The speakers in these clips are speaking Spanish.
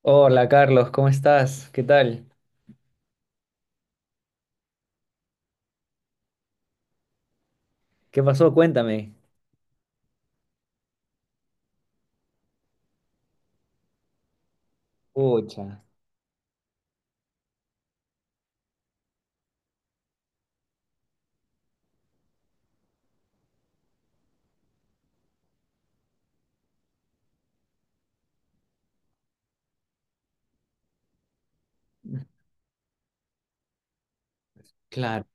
Hola Carlos, ¿cómo estás? ¿Qué tal? ¿Qué pasó? Cuéntame. Pucha, claro.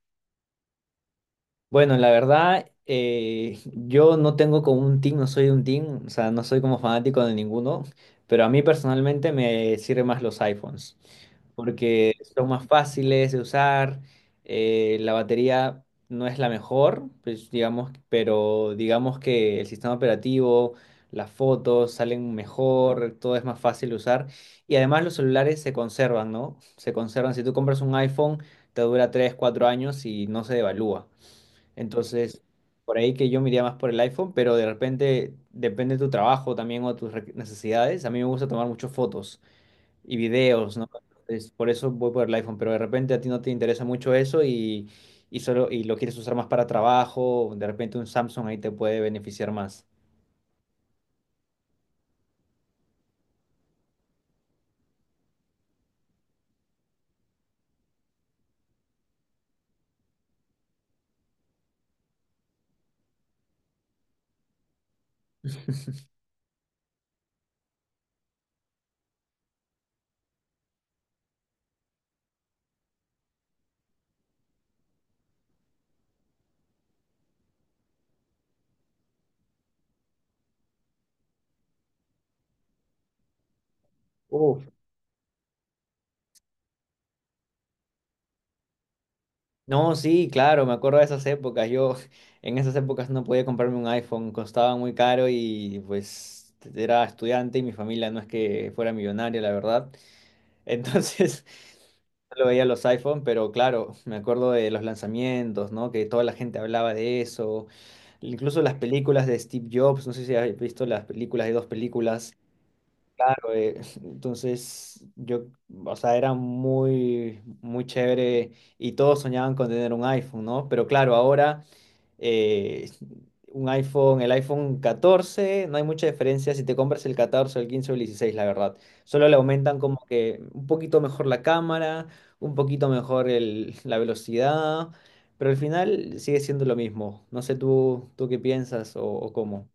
Bueno, la verdad, yo no tengo como un team, no soy de un team, o sea, no soy como fanático de ninguno, pero a mí personalmente me sirven más los iPhones, porque son más fáciles de usar, la batería no es la mejor, pues, digamos, pero digamos que el sistema operativo, las fotos salen mejor, todo es más fácil de usar, y además los celulares se conservan, ¿no? Se conservan, si tú compras un iPhone, te dura 3, 4 años y no se devalúa. Entonces, por ahí que yo me iría más por el iPhone, pero de repente depende de tu trabajo también o tus necesidades. A mí me gusta tomar muchas fotos y videos, ¿no? Entonces, por eso voy por el iPhone, pero de repente a ti no te interesa mucho eso y solo y lo quieres usar más para trabajo, de repente un Samsung ahí te puede beneficiar más. Uf. No, sí, claro, me acuerdo de esas épocas. Yo en esas épocas no podía comprarme un iPhone, costaba muy caro y pues era estudiante y mi familia no es que fuera millonaria, la verdad. Entonces, lo veía los iPhone, pero claro, me acuerdo de los lanzamientos, ¿no? Que toda la gente hablaba de eso, incluso las películas de Steve Jobs, no sé si has visto las películas de dos películas. Claro, entonces, yo, o sea, era muy, muy chévere y todos soñaban con tener un iPhone, ¿no? Pero claro, ahora eh, un iPhone, el iPhone 14 no hay mucha diferencia si te compras el 14 el 15 o el 16, la verdad. Solo le aumentan como que un poquito mejor la cámara, un poquito mejor la velocidad, pero al final sigue siendo lo mismo. No sé tú, tú qué piensas o cómo.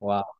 Wow.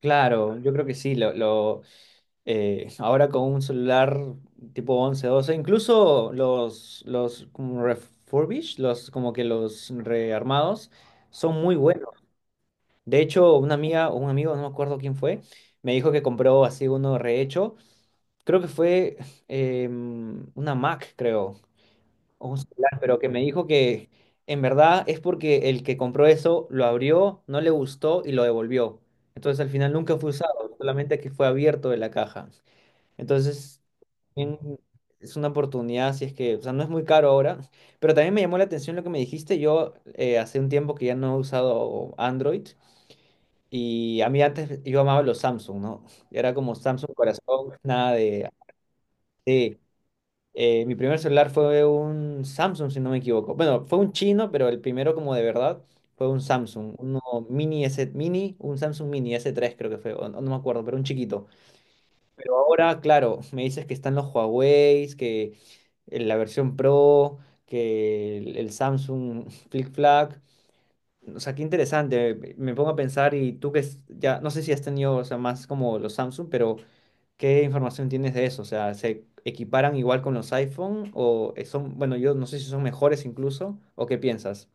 Claro, yo creo que sí, ahora con un celular tipo 11, 12 incluso los como refurbished, los como que los rearmados, son muy buenos. De hecho, una amiga o un amigo, no me acuerdo quién fue, me dijo que compró así uno rehecho. Creo que fue una Mac, creo, o un celular, pero que me dijo que en verdad es porque el que compró eso lo abrió, no le gustó y lo devolvió. Entonces al final nunca fue usado, solamente que fue abierto de la caja. Entonces, también es una oportunidad, si es que, o sea, no es muy caro ahora, pero también me llamó la atención lo que me dijiste. Yo hace un tiempo que ya no he usado Android y a mí antes yo amaba los Samsung, ¿no? Era como Samsung corazón, nada de mi primer celular fue un Samsung, si no me equivoco. Bueno, fue un chino, pero el primero como de verdad fue un Samsung, uno mini S, mini, un Samsung Mini S3 creo que fue, o no me acuerdo, pero un chiquito. Ahora, claro, me dices que están los Huawei, que la versión Pro, que el Samsung Flip Flag. O sea, qué interesante. Me pongo a pensar y tú ya, no sé si has tenido, o sea, más como los Samsung, pero ¿qué información tienes de eso? O sea, ¿se equiparan igual con los iPhone o son, bueno, yo no sé si son mejores incluso o qué piensas?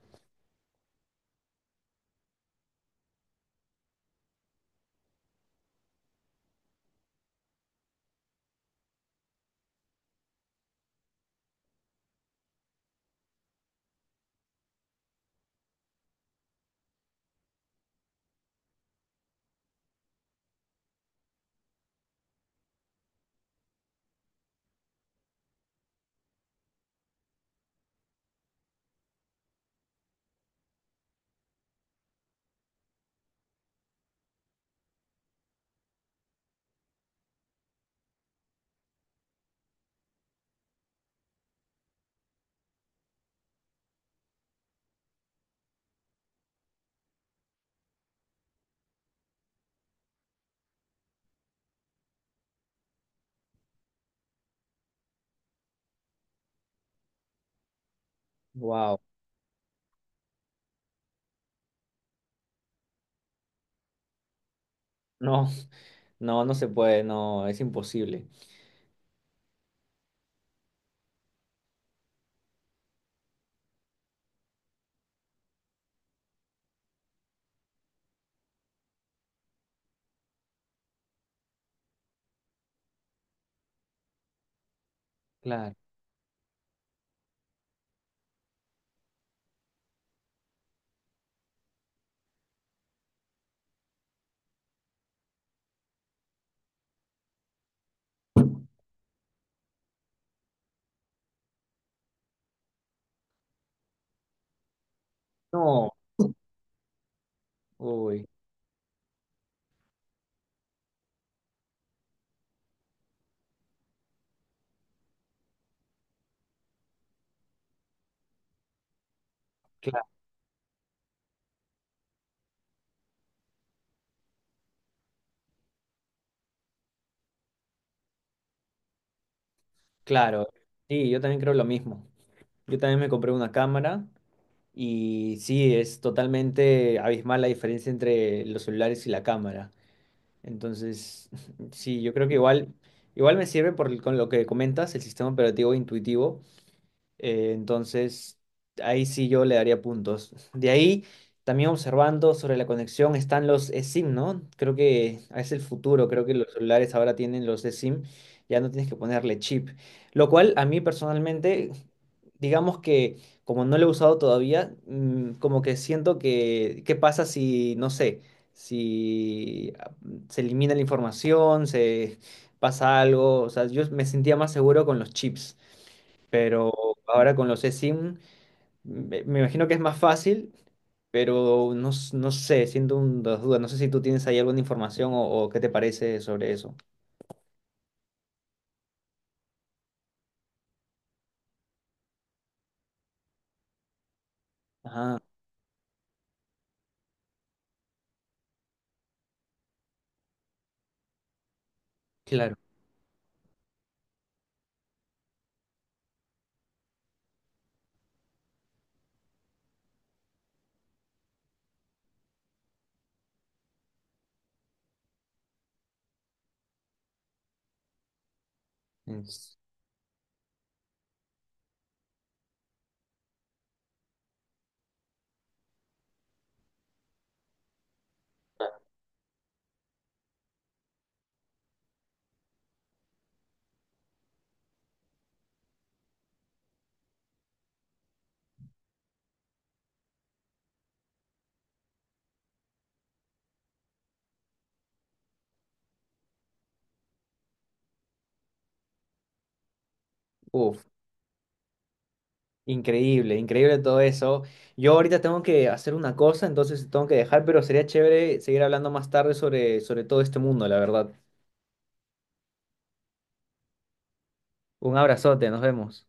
Wow, no, no, no se puede, no, es imposible. Claro. No, uy, cla- claro. Sí, yo también creo lo mismo. Yo también me compré una cámara y sí, es totalmente abismal la diferencia entre los celulares y la cámara. Entonces, sí, yo creo que igual me sirve con lo que comentas, el sistema operativo intuitivo, entonces, ahí sí yo le daría puntos. De ahí, también observando sobre la conexión están los eSIM, ¿no? Creo que es el futuro, creo que los celulares ahora tienen los eSIM, ya no tienes que ponerle chip. Lo cual a mí personalmente, digamos que como no lo he usado todavía, como que siento que, ¿qué pasa si, no sé, si se elimina la información, se pasa algo? O sea, yo me sentía más seguro con los chips. Pero ahora con los eSIM, me imagino que es más fácil, pero no, no sé, siento dos dudas. No sé si tú tienes ahí alguna información o qué te parece sobre eso. Ah, claro. Es- Uf, increíble, increíble todo eso. Yo ahorita tengo que hacer una cosa, entonces tengo que dejar, pero sería chévere seguir hablando más tarde sobre todo este mundo, la verdad. Un abrazote, nos vemos.